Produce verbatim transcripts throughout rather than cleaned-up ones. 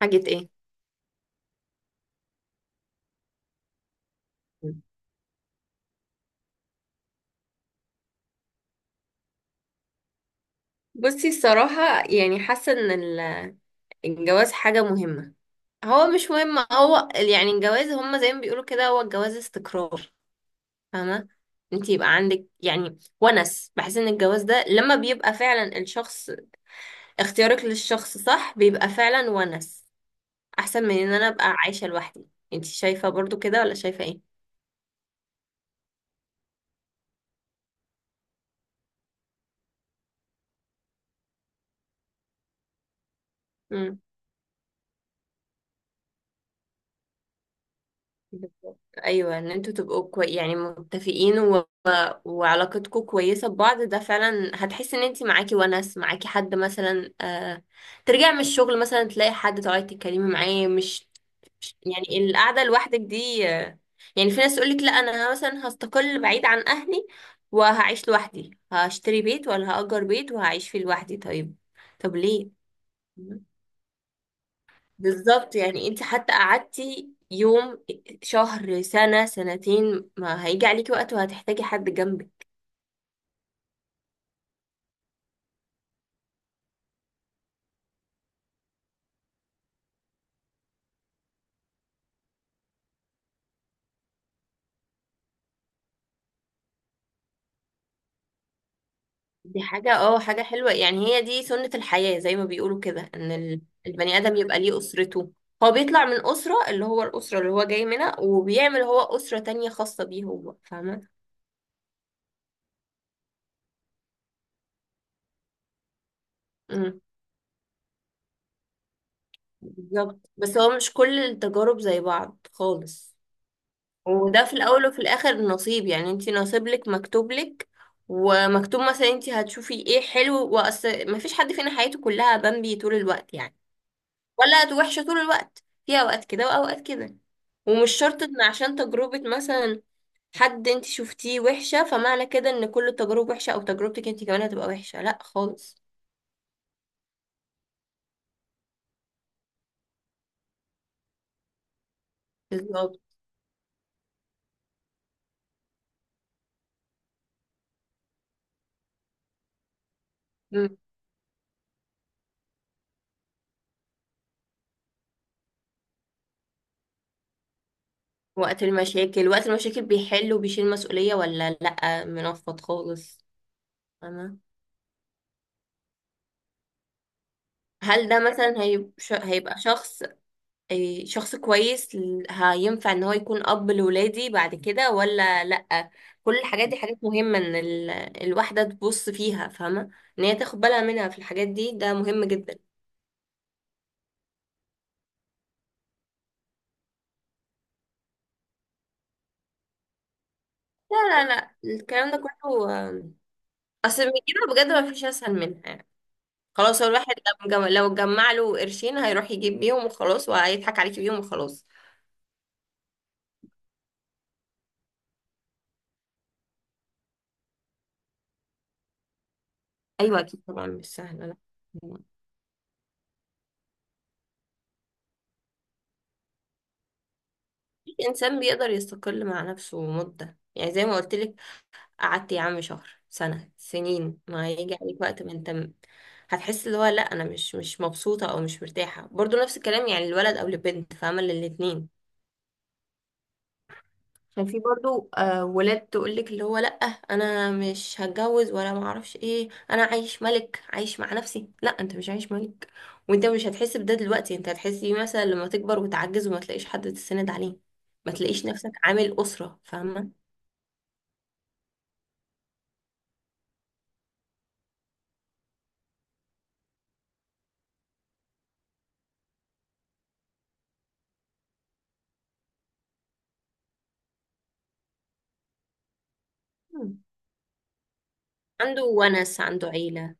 حاجة ايه؟ بصي الصراحة. يعني حاسة ان ال- الجواز حاجة مهمة. هو مش مهم، هو يعني الجواز هما زي ما بيقولوا كده، هو الجواز استقرار. فاهمة؟ انت يبقى عندك يعني ونس، بحس ان الجواز ده لما بيبقى فعلا الشخص، اختيارك للشخص صح، بيبقى فعلا ونس. احسن من ان انا ابقى عايشة لوحدي. انت شايفة برضو كده ولا شايفة ايه؟ مم. بالظبط. ايوه، ان انتوا تبقوا كوي يعني متفقين، وعلاقتكم كويسة ببعض، ده فعلا هتحس ان انتي معاكي ونس، معاكي حد مثلا آه ترجعي من الشغل مثلا تلاقي حد تقعدي تتكلمي معاه. مش مش- يعني القعدة لوحدك دي آه يعني في ناس تقولك لا، انا مثلا هستقل بعيد عن اهلي، وهعيش لوحدي، هشتري بيت ولا هأجر بيت وهعيش فيه لوحدي. طيب، طب ليه؟ بالظبط. يعني انتي حتى قعدتي يوم، شهر، سنة، سنتين، ما هيجي عليكي وقت وهتحتاجي حد جنبك. دي حاجة اه، حاجة حلوة يعني، هي دي سنة الحياة زي ما بيقولوا كده، ان ال- البني آدم يبقى ليه أسرته. هو بيطلع من أسرة، اللي هو الأسرة اللي هو جاي منها، وبيعمل هو أسرة تانية خاصة بيه هو. فاهمة؟ امم بالظبط، بس هو مش كل التجارب زي بعض خالص. وده في الأول وفي الآخر نصيب، يعني انتي نصيب لك، مكتوب لك ومكتوب مثلا انتي هتشوفي ايه حلو. وأصل مفيش حد فينا حياته كلها بامبي طول الوقت يعني، ولا وحشة طول الوقت، في اوقات كده واوقات كده. ومش شرط ان عشان تجربة مثلا حد انت شفتيه وحشة، فمعنى كده ان كل التجارب وحشة او تجربتك انت كمان هتبقى وحشة، لا خالص. بالظبط. مم. وقت المشاكل، وقت المشاكل بيحل وبيشيل مسؤولية، ولا لا منفض خالص. فاهمة؟ هل ده مثلا هيب- ش- هيبقى شخص إيه، شخص كويس ل- هينفع ان هو يكون اب لولادي بعد كده ولا لأ؟ كل الحاجات دي حاجات مهمة، ان ال... الواحدة تبص فيها، فاهمة، ان هي تاخد بالها منها في الحاجات دي، ده مهم جدا. لا لا لا، الكلام ده كله آم، اصل من كده بجد ما فيش اسهل منها يعني. خلاص هو الواحد لو جم- لو جمع له قرشين هيروح يجيب بيهم وخلاص، وهيضحك عليكي بيهم وخلاص. ايوه اكيد طبعا مش سهلة لا. الانسان بيقدر يستقل مع نفسه مدة، يعني زي ما قلت لك، قعدت يا عم شهر، سنة، سنين، ما هيجي عليك وقت ما انت م- هتحس اللي هو لا انا مش مش مبسوطة او مش مرتاحة. برضو نفس الكلام، يعني الولد او البنت، فاهمة، للاتنين. عشان في برضو آه ولاد تقولك اللي هو لا، انا مش هتجوز، ولا ما اعرفش ايه، انا عايش ملك، عايش مع نفسي. لا انت مش عايش ملك. وانت مش هتحس بده دلوقتي، انت هتحس بيه مثلا لما تكبر وتعجز وما تلاقيش حد تسند عليه، ما تلاقيش نفسك عامل أسرة، فاهمة؟ مم. عنده ونس، عنده عيلة.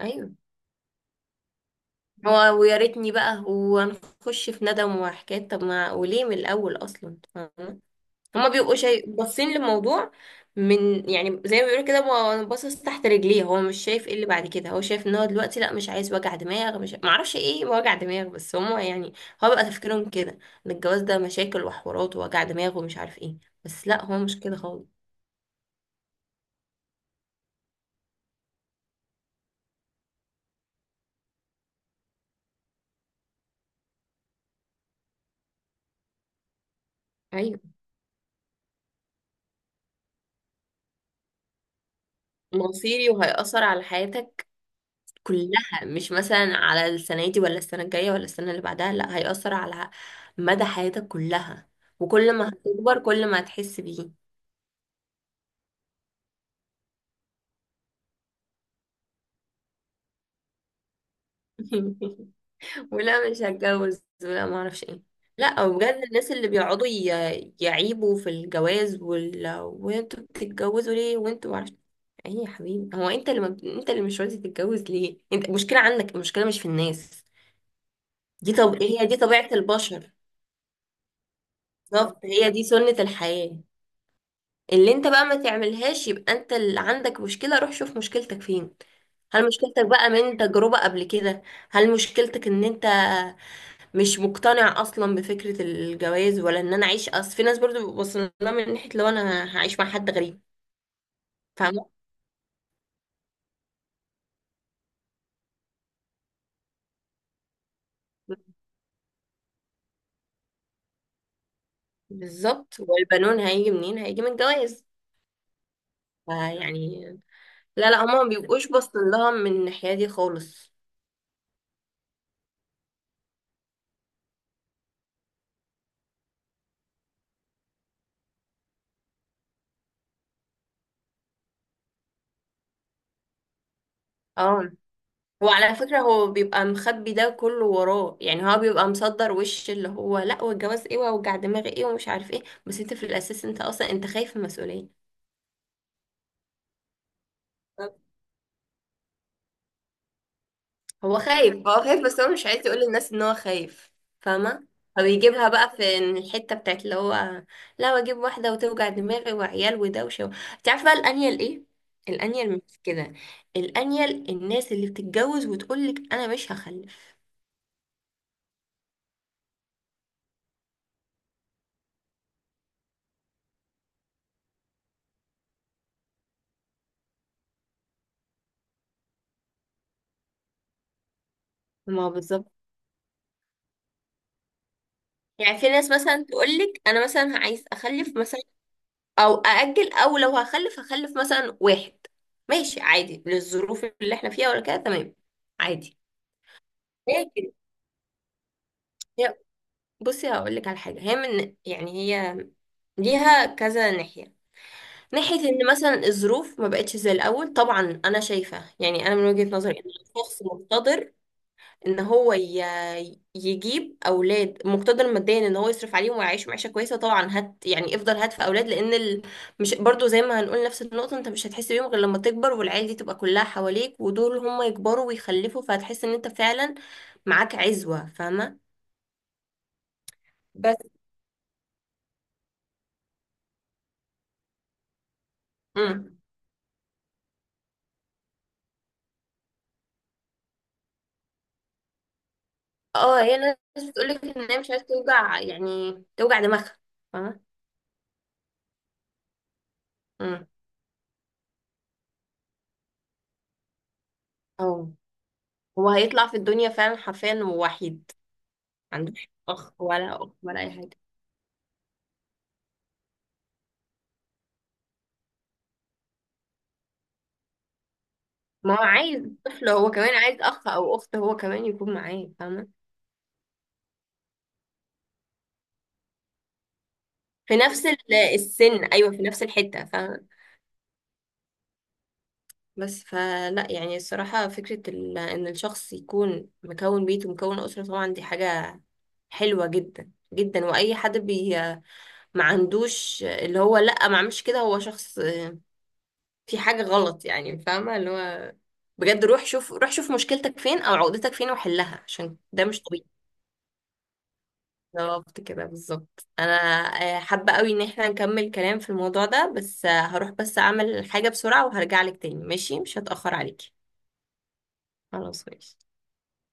ايوه، هو ويا ريتني بقى، وهنخش في ندم وحكايات، طب ما وليه من الاول اصلا؟ فاهمة؟ هما بيبقوا شايف باصين للموضوع من، يعني زي ما بيقولوا كده، هو باصص تحت رجليه، هو مش شايف ايه اللي بعد كده، هو شايف ان هو دلوقتي لا مش عايز وجع دماغ، مش معرفش ايه وجع دماغ، بس هما يعني، هو بقى تفكيرهم كده، ان الجواز ده مشاكل وحوارات ووجع دماغ ومش عارف ايه. بس لا، هو مش كده خالص. ايوه، مصيري وهيأثر على حياتك كلها، مش مثلا على السنة دي ولا السنة الجاية ولا السنة اللي بعدها، لا هيأثر على مدى حياتك كلها. وكل ما هتكبر كل ما هتحس بيه. ولا مش هتجوز، ولا ما اعرفش ايه. لا بجد، الناس اللي بيقعدوا ي- يعيبوا في الجواز وال... وانتوا بتتجوزوا ليه، وانتوا ما اعرفش ايه يا حبيبي؟ هو انت اللي ما... بت- انت اللي مش راضي تتجوز ليه، انت المشكلة عندك، المشكلة مش في الناس. دي طب هي دي طبيعة البشر. بالظبط، هي دي سنة الحياة. اللي انت بقى ما تعملهاش يبقى انت اللي عندك مشكلة، روح شوف مشكلتك فين. هل مشكلتك بقى من تجربة قبل كده؟ هل مشكلتك ان انت مش مقتنع اصلا بفكرة الجواز، ولا ان انا اعيش، اصل في ناس برضو بتبص لها من ناحية لو انا هعيش مع حد غريب، فاهمة؟ بالظبط، والبنون هيجي منين؟ هيجي من الجواز. فيعني، لا لا، هما ما بيبقوش باصين لها من الناحية دي خالص. اه، هو على فكرة هو بيبقى مخبي ده كله وراه، يعني هو بيبقى مصدر وش اللي هو لا، والجواز ايه، ووجع دماغي ايه، ومش عارف ايه، بس انت في الاساس انت اصلا انت خايف من المسؤولية. بالظبط. هو خايف، هو خايف بس هو مش عايز يقول للناس ان هو خايف، فاهمة؟ فبيجيبها بقى في إن الحتة بتاعت اللي هو لا، واجيب واحدة وتوجع دماغي وعيال ودوشة و... انت عارفة بقى الانيل ايه؟ الانيل مش كده، الانيل الناس اللي بتتجوز وتقولك انا مش هخلف. ما هو بالظبط. يعني في ناس مثلا تقولك انا مثلا عايز اخلف مثلا، او ااجل، او لو هخلف هخلف مثلا واحد، ماشي عادي للظروف اللي احنا فيها، ولا كده، تمام، عادي. لكن هي، بصي هقولك على حاجه، هي من يعني، هي ليها كذا ناحيه. ناحيه ان مثلا الظروف ما بقتش زي الاول، طبعا انا شايفه يعني، انا من وجهه نظري ان الشخص مقتدر، ان هو ي- يجيب اولاد، مقتدر ماديا ان هو يصرف عليهم ويعيش معيشه كويسه، طبعا هات يعني، افضل هات في اولاد، لان ال... مش برضو زي ما هنقول نفس النقطه، انت مش هتحس بيهم غير لما تكبر والعيال دي تبقى كلها حواليك، ودول هم يكبروا ويخلفوا، فهتحس ان انت فعلا معاك عزوه، فاهمه. بس امم اه، هي الناس بتقولك ان هي مش عايزه توجع يعني توجع دماغها، فاهمه. امم اه، هو هيطلع في الدنيا فعلا حرفيا وحيد، ما عندوش اخ ولا اخت ولا اي حاجه. ما هو عايز طفل، هو كمان عايز اخ او اخت هو كمان يكون معاه، فاهمه؟ في نفس ال- السن، ايوه في نفس الحته، فاهمه. بس فلا يعني الصراحه فكره ال- ان الشخص يكون مكون بيت ومكون اسره، طبعا دي حاجه حلوه جدا جدا، واي حد بي ما عندوش اللي هو لا، ما اعملش كده، هو شخص في حاجه غلط يعني، فاهمه، اللي هو بجد روح شوف، روح شوف مشكلتك فين او عقدتك فين وحلها، عشان ده مش طبيعي. بالظبط كده، بالظبط، انا آه، حابة قوي ان احنا نكمل كلام في الموضوع ده، بس آه، هروح بس اعمل حاجة بسرعة وهرجع لك تاني، ماشي، مش هتأخر عليكي. خلاص ماشي.